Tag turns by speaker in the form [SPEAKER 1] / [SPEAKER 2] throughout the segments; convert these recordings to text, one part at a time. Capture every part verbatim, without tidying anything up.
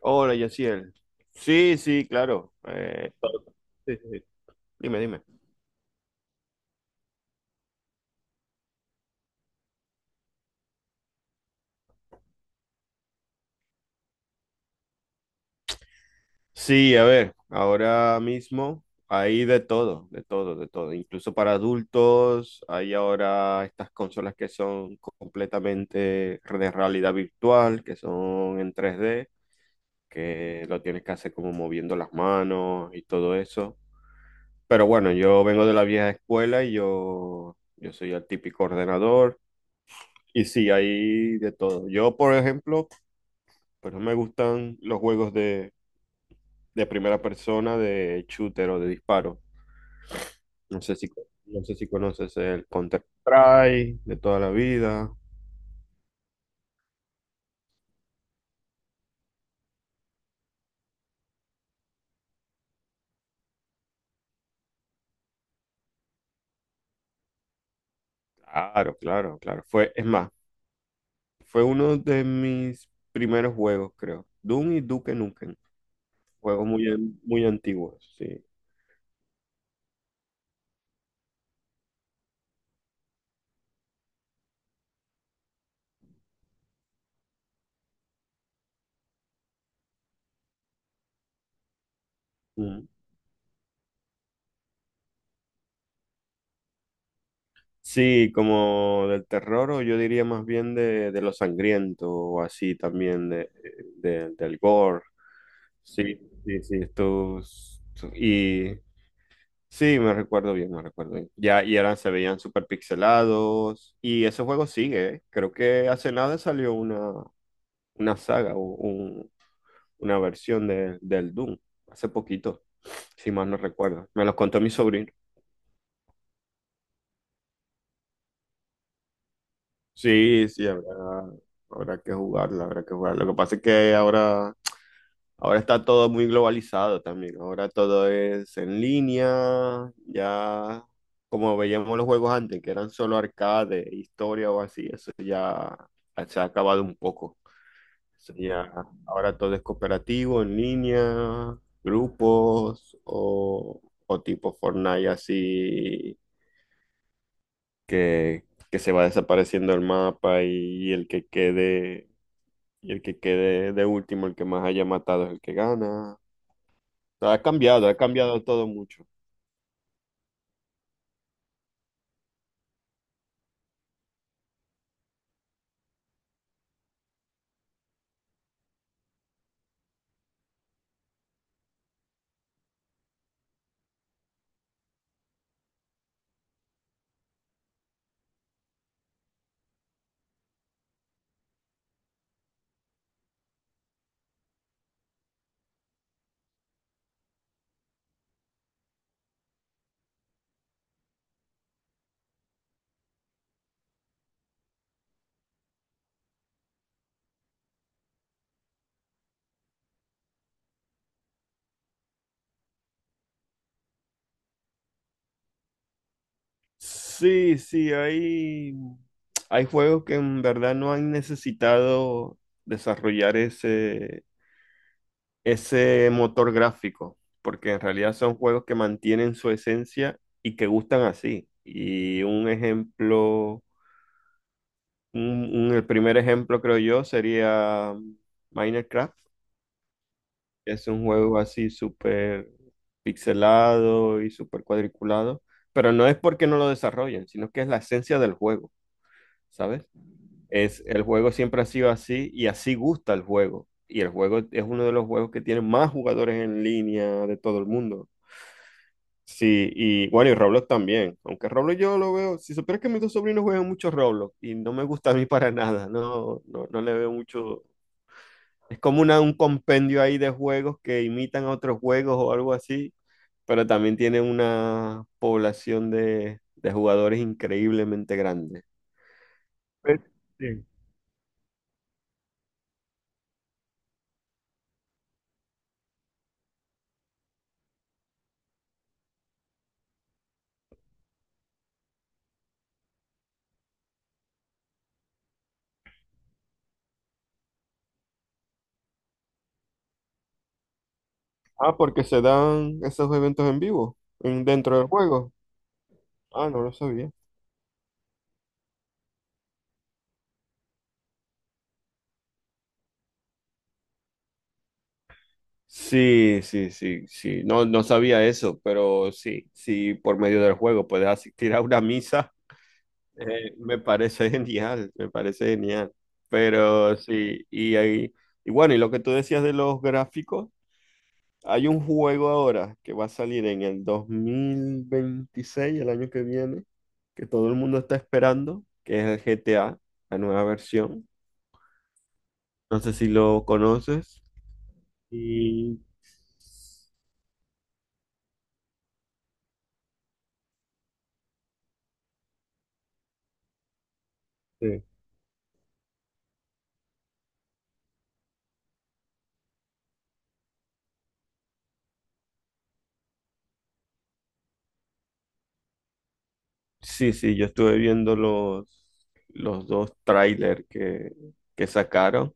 [SPEAKER 1] Hola, Yaciel. Sí, sí, claro. Eh, sí, sí, sí. Dime, dime. Sí, a ver, ahora mismo hay de todo, de todo, de todo. Incluso para adultos hay ahora estas consolas que son completamente de realidad virtual, que son en tres d, que lo tienes que hacer como moviendo las manos y todo eso. Pero bueno, yo vengo de la vieja escuela y yo, yo soy el típico ordenador. Y sí, hay de todo. Yo, por ejemplo. Pero me gustan los juegos de, de, primera persona, de shooter o de disparo. No sé si, no sé si conoces el Counter-Strike de toda la vida. Claro, claro, claro. Fue, es más, fue uno de mis primeros juegos, creo. Doom y Duke Nukem. Juegos muy, an- muy antiguos, sí. Mm. Sí, como del terror, o yo diría más bien de, de lo sangriento, o así también, de, de- del gore. Sí, sí, sí, estos. Y Sí, me recuerdo bien, me recuerdo bien. Ya, y eran, se veían súper pixelados. Y ese juego sigue, ¿eh? Creo que hace nada salió una, una saga o un- una versión de- del Doom, hace poquito, si mal no recuerdo. Me los contó mi sobrino. Sí, sí, habrá, habrá que jugarla, habrá que jugarla. Lo que pasa es que ahora. Ahora está todo muy globalizado también. Ahora todo es en línea. Ya, como veíamos los juegos antes, que eran solo arcade, historia o así, eso ya se ha acabado un poco. Eso ya, ahora todo es cooperativo, en línea, grupos o, o tipo Fortnite, así que, que se va desapareciendo el mapa y el que quede, y el que quede de último, el que más haya matado es el que gana. Ha cambiado, ha cambiado todo mucho. Sí, sí, hay, hay juegos que en verdad no han necesitado desarrollar ese, ese motor gráfico, porque en realidad son juegos que mantienen su esencia y que gustan así. Y un ejemplo, un- un- el primer ejemplo creo yo sería Minecraft. Es un juego así súper pixelado y súper cuadriculado, pero no es porque no lo desarrollen, sino que es la esencia del juego, ¿sabes? Es, el juego siempre ha sido así y así gusta el juego. Y el juego es uno de los juegos que tiene más jugadores en línea de todo el mundo. Sí, y bueno, y Roblox también. Aunque Roblox yo lo veo, si supieras que mis dos sobrinos juegan mucho Roblox y no me gusta a mí para nada, no, no, no le veo mucho, es como una, un compendio ahí de juegos que imitan a otros juegos o algo así, pero también tiene una población de, de jugadores increíblemente grande. Pues, sí. Ah, porque se dan esos eventos en vivo, en- dentro del juego. Ah, no lo sabía. Sí, sí, sí, sí. No, no sabía eso, pero sí, sí, por medio del juego puedes asistir a una misa. Eh, me parece genial, me parece genial. Pero sí, y ahí, y bueno, y lo que tú decías de los gráficos, hay un juego ahora que va a salir en el dos mil veintiséis, el año que viene, que todo el mundo está esperando, que es el G T A, la nueva versión. No sé si lo conoces. Y sí, sí, sí, yo estuve viendo los, los dos trailers que, que sacaron.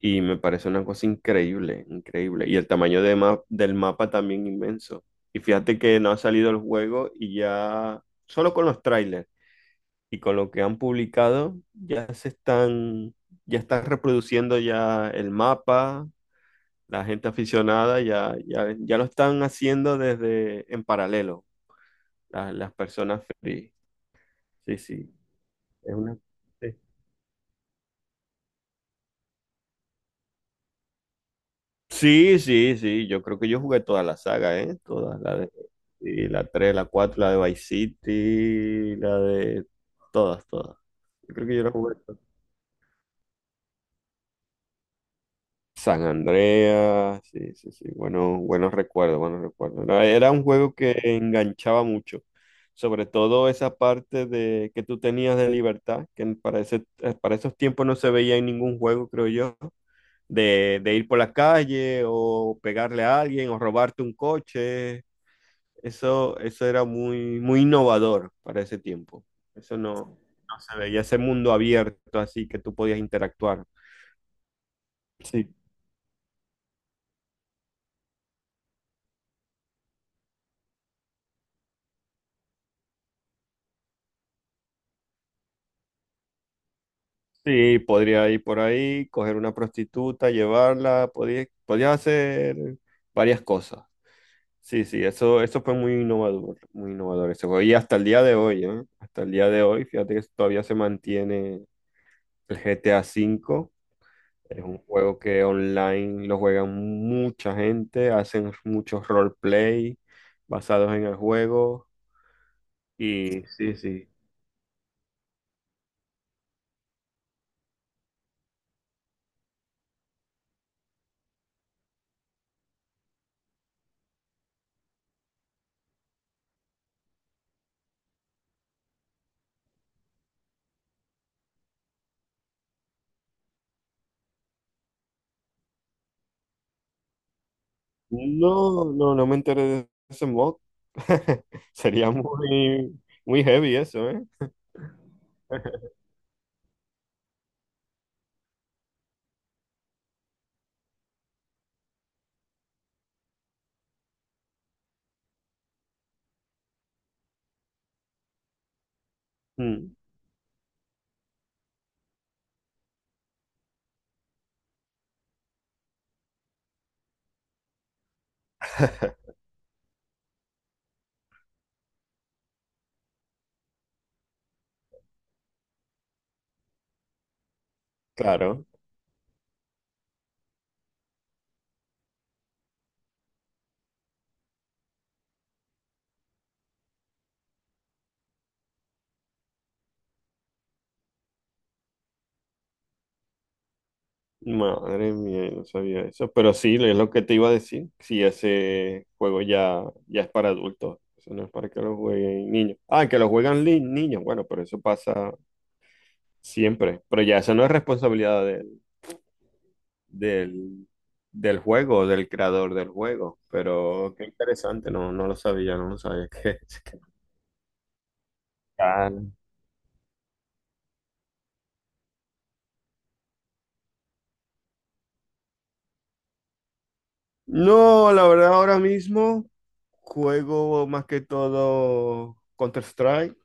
[SPEAKER 1] Y me parece una cosa increíble, increíble. Y el tamaño de ma- del mapa también inmenso. Y fíjate que no ha salido el juego y ya, solo con los trailers y con lo que han publicado, ya se están, ya están reproduciendo ya el mapa, la gente aficionada ya, ya, ya lo están haciendo desde en paralelo, la- las personas free. Sí, sí, es una. Sí. Sí, sí, sí, yo creo que yo jugué toda la saga, ¿eh? Todas, la de, sí, la tres, la cuatro, la de Vice City, la de todas, todas. Yo creo que yo la jugué todas. San Andreas, sí, sí, sí, bueno, buenos recuerdos, buenos recuerdos. No, era un juego que enganchaba mucho, sobre todo esa parte de que tú tenías de libertad, que para ese- eh, para esos tiempos no se veía en ningún juego, creo yo, de, de, ir por la calle o pegarle a alguien o robarte un coche. Eso, eso era muy, muy innovador para ese tiempo. Eso no, no se veía ese mundo abierto así que tú podías interactuar. Sí, sí, podría ir por ahí, coger una prostituta, llevarla, podías, podías hacer varias cosas. Sí, sí, eso, eso fue muy innovador, muy innovador ese juego. Y hasta el día de hoy, ¿eh? Hasta el día de hoy, fíjate que todavía se mantiene el G T A cinco. Es un juego que online lo juegan mucha gente, hacen muchos roleplay basados en el juego. Y sí, no, no, no me enteré de ese mod. Sería muy, muy heavy eso, ¿eh? Mm. Claro, madre mía, yo no sabía eso, pero sí, es lo que te iba a decir, si ese juego ya, ya es para adultos, eso no es para que lo jueguen niños. Ah, que lo juegan li- niños, bueno, pero eso pasa siempre, pero ya eso no es responsabilidad del, del, del juego, del creador del juego. Pero qué interesante, no, no lo sabía, no lo sabía que, que- Ah. No, la verdad ahora mismo juego más que todo Counter-Strike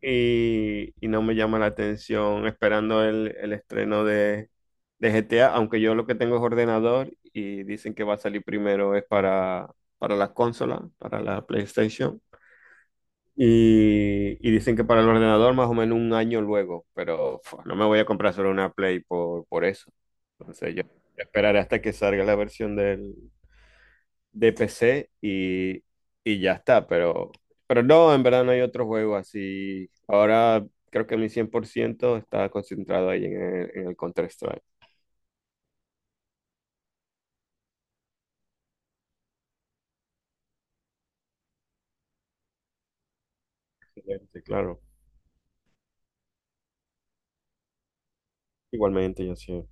[SPEAKER 1] y, y no me llama la atención esperando el, el estreno de, de G T A, aunque yo lo que tengo es ordenador y dicen que va a salir primero es para, para las consolas, para la PlayStation. Y, y dicen que para el ordenador más o menos un año luego, pero fua, no me voy a comprar solo una Play por, por eso. Entonces yo esperaré hasta que salga la versión del, de P C y, y ya está, pero, pero no, en verdad no hay otro juego así. Ahora creo que mi cien por ciento está concentrado ahí en el, en el Counter-Strike. Sí, claro, igualmente yo sí.